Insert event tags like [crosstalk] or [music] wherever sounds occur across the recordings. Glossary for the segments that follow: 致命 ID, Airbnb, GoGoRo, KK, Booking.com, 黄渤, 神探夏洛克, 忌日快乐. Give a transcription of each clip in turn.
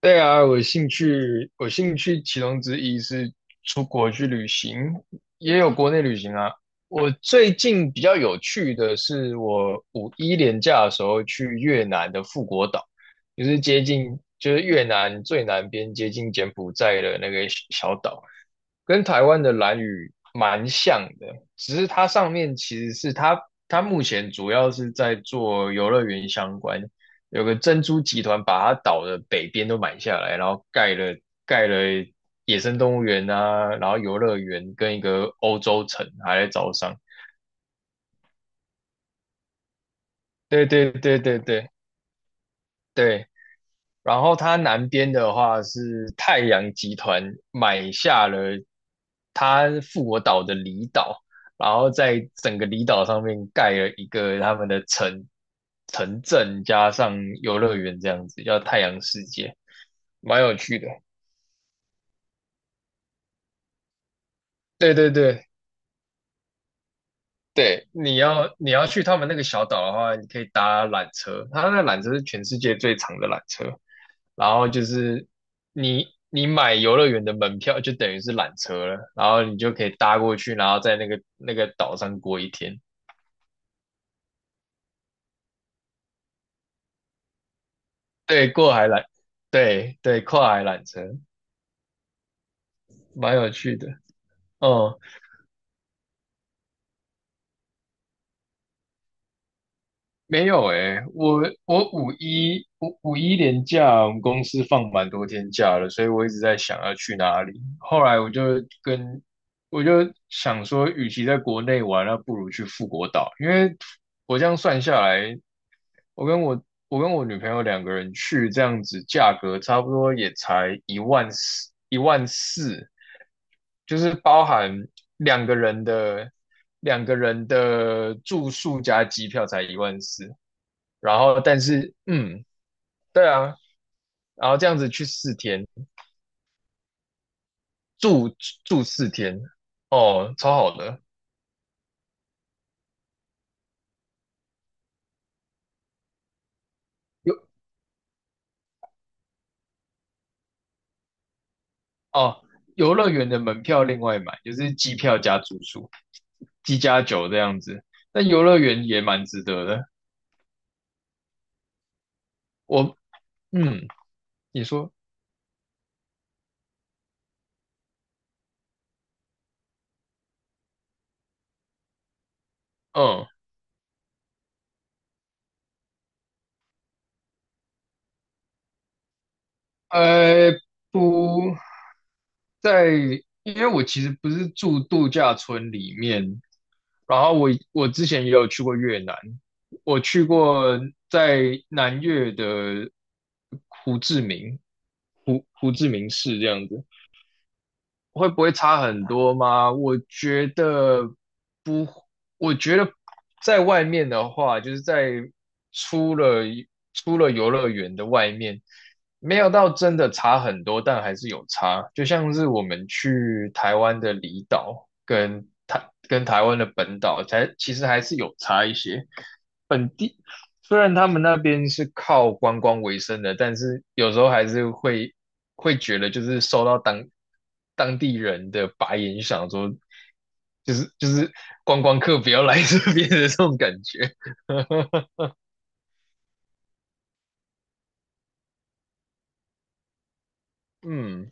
对啊，我兴趣其中之一是出国去旅行，也有国内旅行啊。我最近比较有趣的是，我五一连假的时候去越南的富国岛，就是接近，就是越南最南边接近柬埔寨的那个小岛，跟台湾的兰屿蛮像的，只是它上面其实是它，它目前主要是在做游乐园相关，有个珍珠集团把它岛的北边都买下来，然后盖了野生动物园啊，然后游乐园跟一个欧洲城还在招商。对对对对对对，然后它南边的话是太阳集团买下了它复活岛的离岛，然后在整个离岛上面盖了一个他们的城镇加上游乐园这样子，叫太阳世界，蛮有趣的。对对对，对，你要去他们那个小岛的话，你可以搭缆车，它那缆车是全世界最长的缆车。然后就是你买游乐园的门票，就等于是缆车了，然后你就可以搭过去，然后在那个岛上过一天。对，过海缆，对对，跨海缆车，蛮有趣的。嗯，没有诶、我五一连假，我们公司放蛮多天假了，所以我一直在想要去哪里。后来跟我就想说，与其在国内玩，那不如去富国岛，因为我这样算下来，我跟我女朋友两个人去，这样子价格差不多也才一万四，就是包含两个人的两个人的住宿加机票才一万四，然后但是对啊，然后这样子去四天，住住四天，哦，超好的，游哦，游乐园的门票另外买，就是机票加住宿，机加酒这样子。那游乐园也蛮值得的。我嗯你说，嗯呃，不在，因为我其实不是住度假村里面，然后我之前也有去过越南，我去过在南越的胡志明，胡志明市这样子。会不会差很多吗？我觉得不，我觉得在外面的话，就是在出了出了游乐园的外面，没有到真的差很多，但还是有差。就像是我们去台湾的离岛跟台湾的本岛，才其实还是有差一些。本地。虽然他们那边是靠观光为生的，但是有时候还是会觉得，就是受到当地人的白眼，想说就是观光客不要来这边的这种感觉。[laughs] 嗯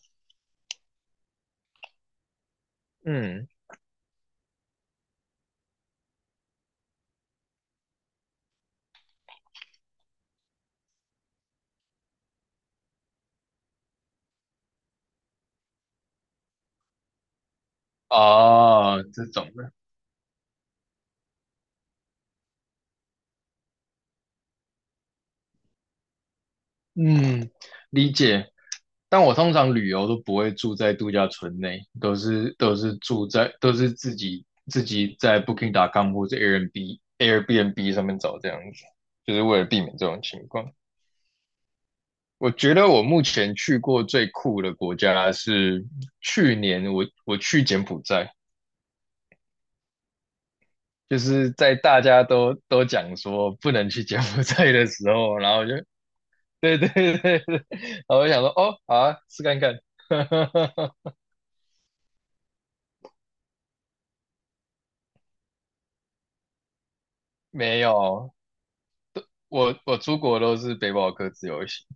嗯哦，这种。的。嗯，理解。但我通常旅游都不会住在度假村内，都是住在都是自己在 Booking.com 或者 Airbnb 上面找这样子，就是为了避免这种情况。我觉得我目前去过最酷的国家是去年我去柬埔寨，就是在大家都讲说不能去柬埔寨的时候，然后我就对对对对，然后我就想说哦好啊，试看看。[laughs] 没有，我出国都是背包客自由行，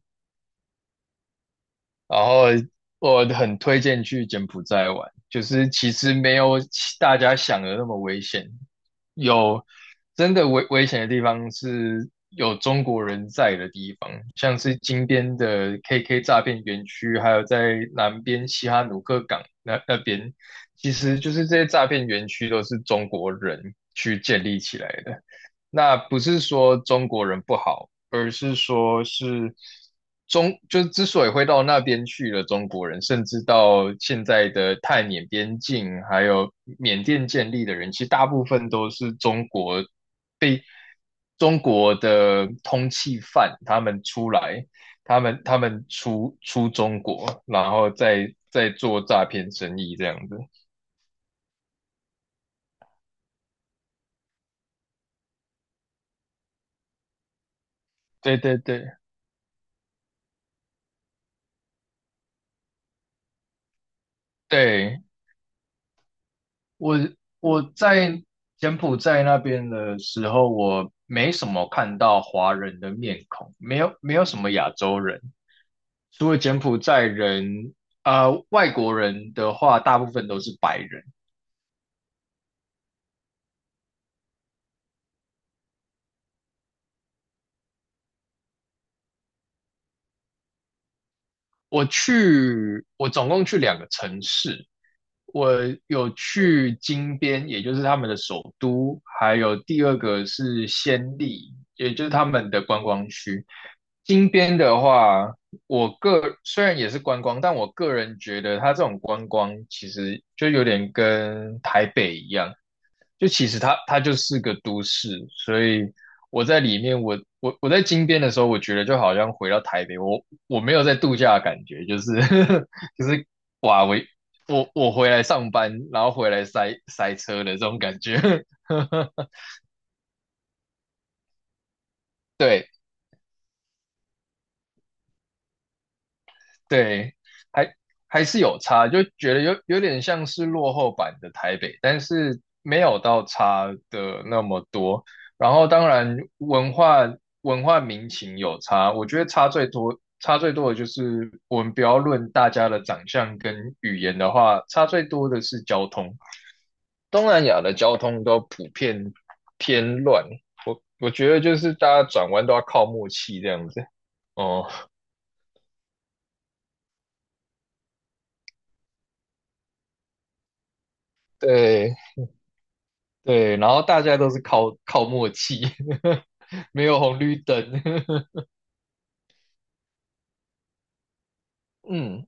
然后我很推荐去柬埔寨玩，就是其实没有大家想的那么危险，有真的危险的地方是有中国人在的地方，像是金边的 KK 诈骗园区，还有在南边西哈努克港那边，其实就是这些诈骗园区都是中国人去建立起来的。那不是说中国人不好，而是说就是之所以会到那边去了，中国人甚至到现在的泰缅边境，还有缅甸建立的人，其实大部分都是中国的通缉犯，他们出来，他们出中国，然后再做诈骗生意这样子。对对对对。我我在柬埔寨那边的时候，我没什么看到华人的面孔，没有什么亚洲人，除了柬埔寨人，外国人的话，大部分都是白人。我总共去两个城市，我有去金边，也就是他们的首都，还有第二个是暹粒，也就是他们的观光区。金边的话，虽然也是观光，但我个人觉得它这种观光其实就有点跟台北一样，就其实它就是个都市，所以我在里面，我在金边的时候，我觉得就好像回到台北，我没有在度假的感觉，就是 [laughs] 就是哇，我回来上班，然后回来塞车的这种感觉。[laughs] 对，对，还还是有差，就觉得有点像是落后版的台北，但是没有到差的那么多。然后当然文化民情有差，我觉得差最多的就是我们不要论大家的长相跟语言的话，差最多的是交通。东南亚的交通都普遍偏乱，我觉得就是大家转弯都要靠默契这样子。哦，对，对，然后大家都是靠默契，[laughs] 没有红绿灯。[laughs] 嗯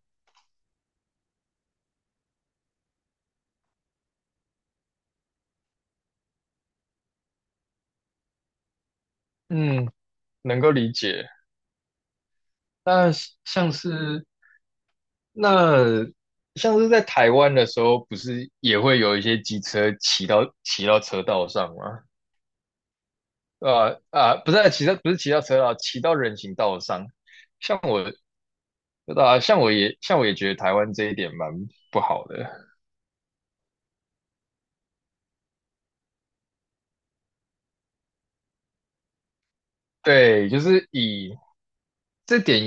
嗯，能够理解。那像是那像是在台湾的时候，不是也会有一些机车骑到车道上吗？啊啊，不是啊骑到不是骑到车道，骑到人行道上。像我像我也觉得台湾这一点蛮不好的。对，就是以这点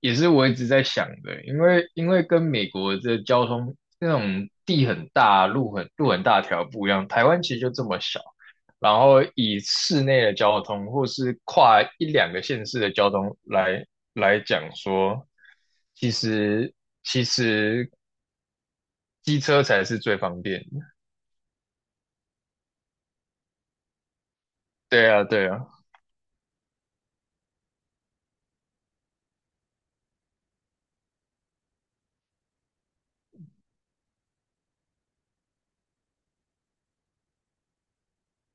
也是我一直在想的，因为跟美国的交通那种地很大、路很大条不一样，台湾其实就这么小，然后以市内的交通或是跨一两个县市的交通来讲说，其实其实机车才是最方便的。对啊，对啊，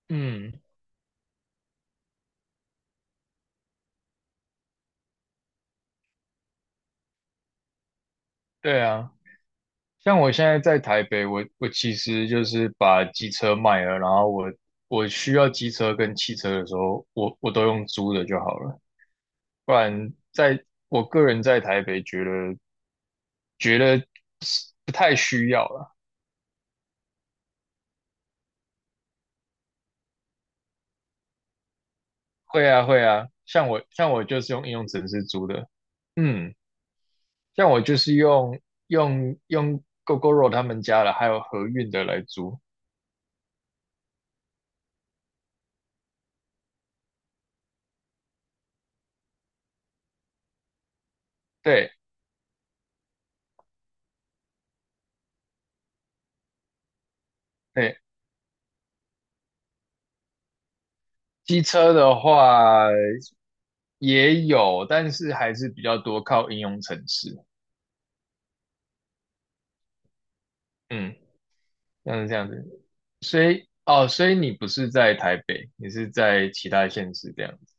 嗯，对啊。像我现在在台北，我其实就是把机车卖了，然后我需要机车跟汽车的时候，我都用租的就好了。不然在我个人在台北觉得是不太需要了。会啊会啊，像我就是用应用程式租的，嗯，像我就是用 GoGoRo 他们家的，还有和运的来租。对对，机车的话也有，但是还是比较多靠应用城市，嗯，像是这样子。所以你不是在台北，你是在其他县市这样子。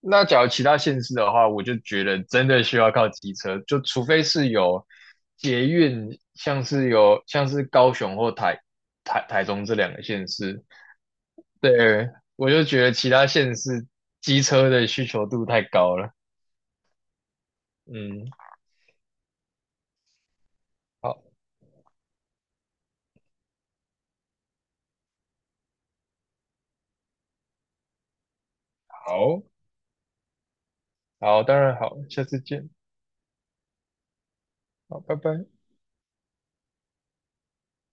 那假如其他县市的话，我就觉得真的需要靠机车，就除非是有捷运，像是高雄或台中这两个县市，对，我就觉得其他县市机车的需求度太高了。嗯，好，好。好，当然好，下次见，好，拜拜。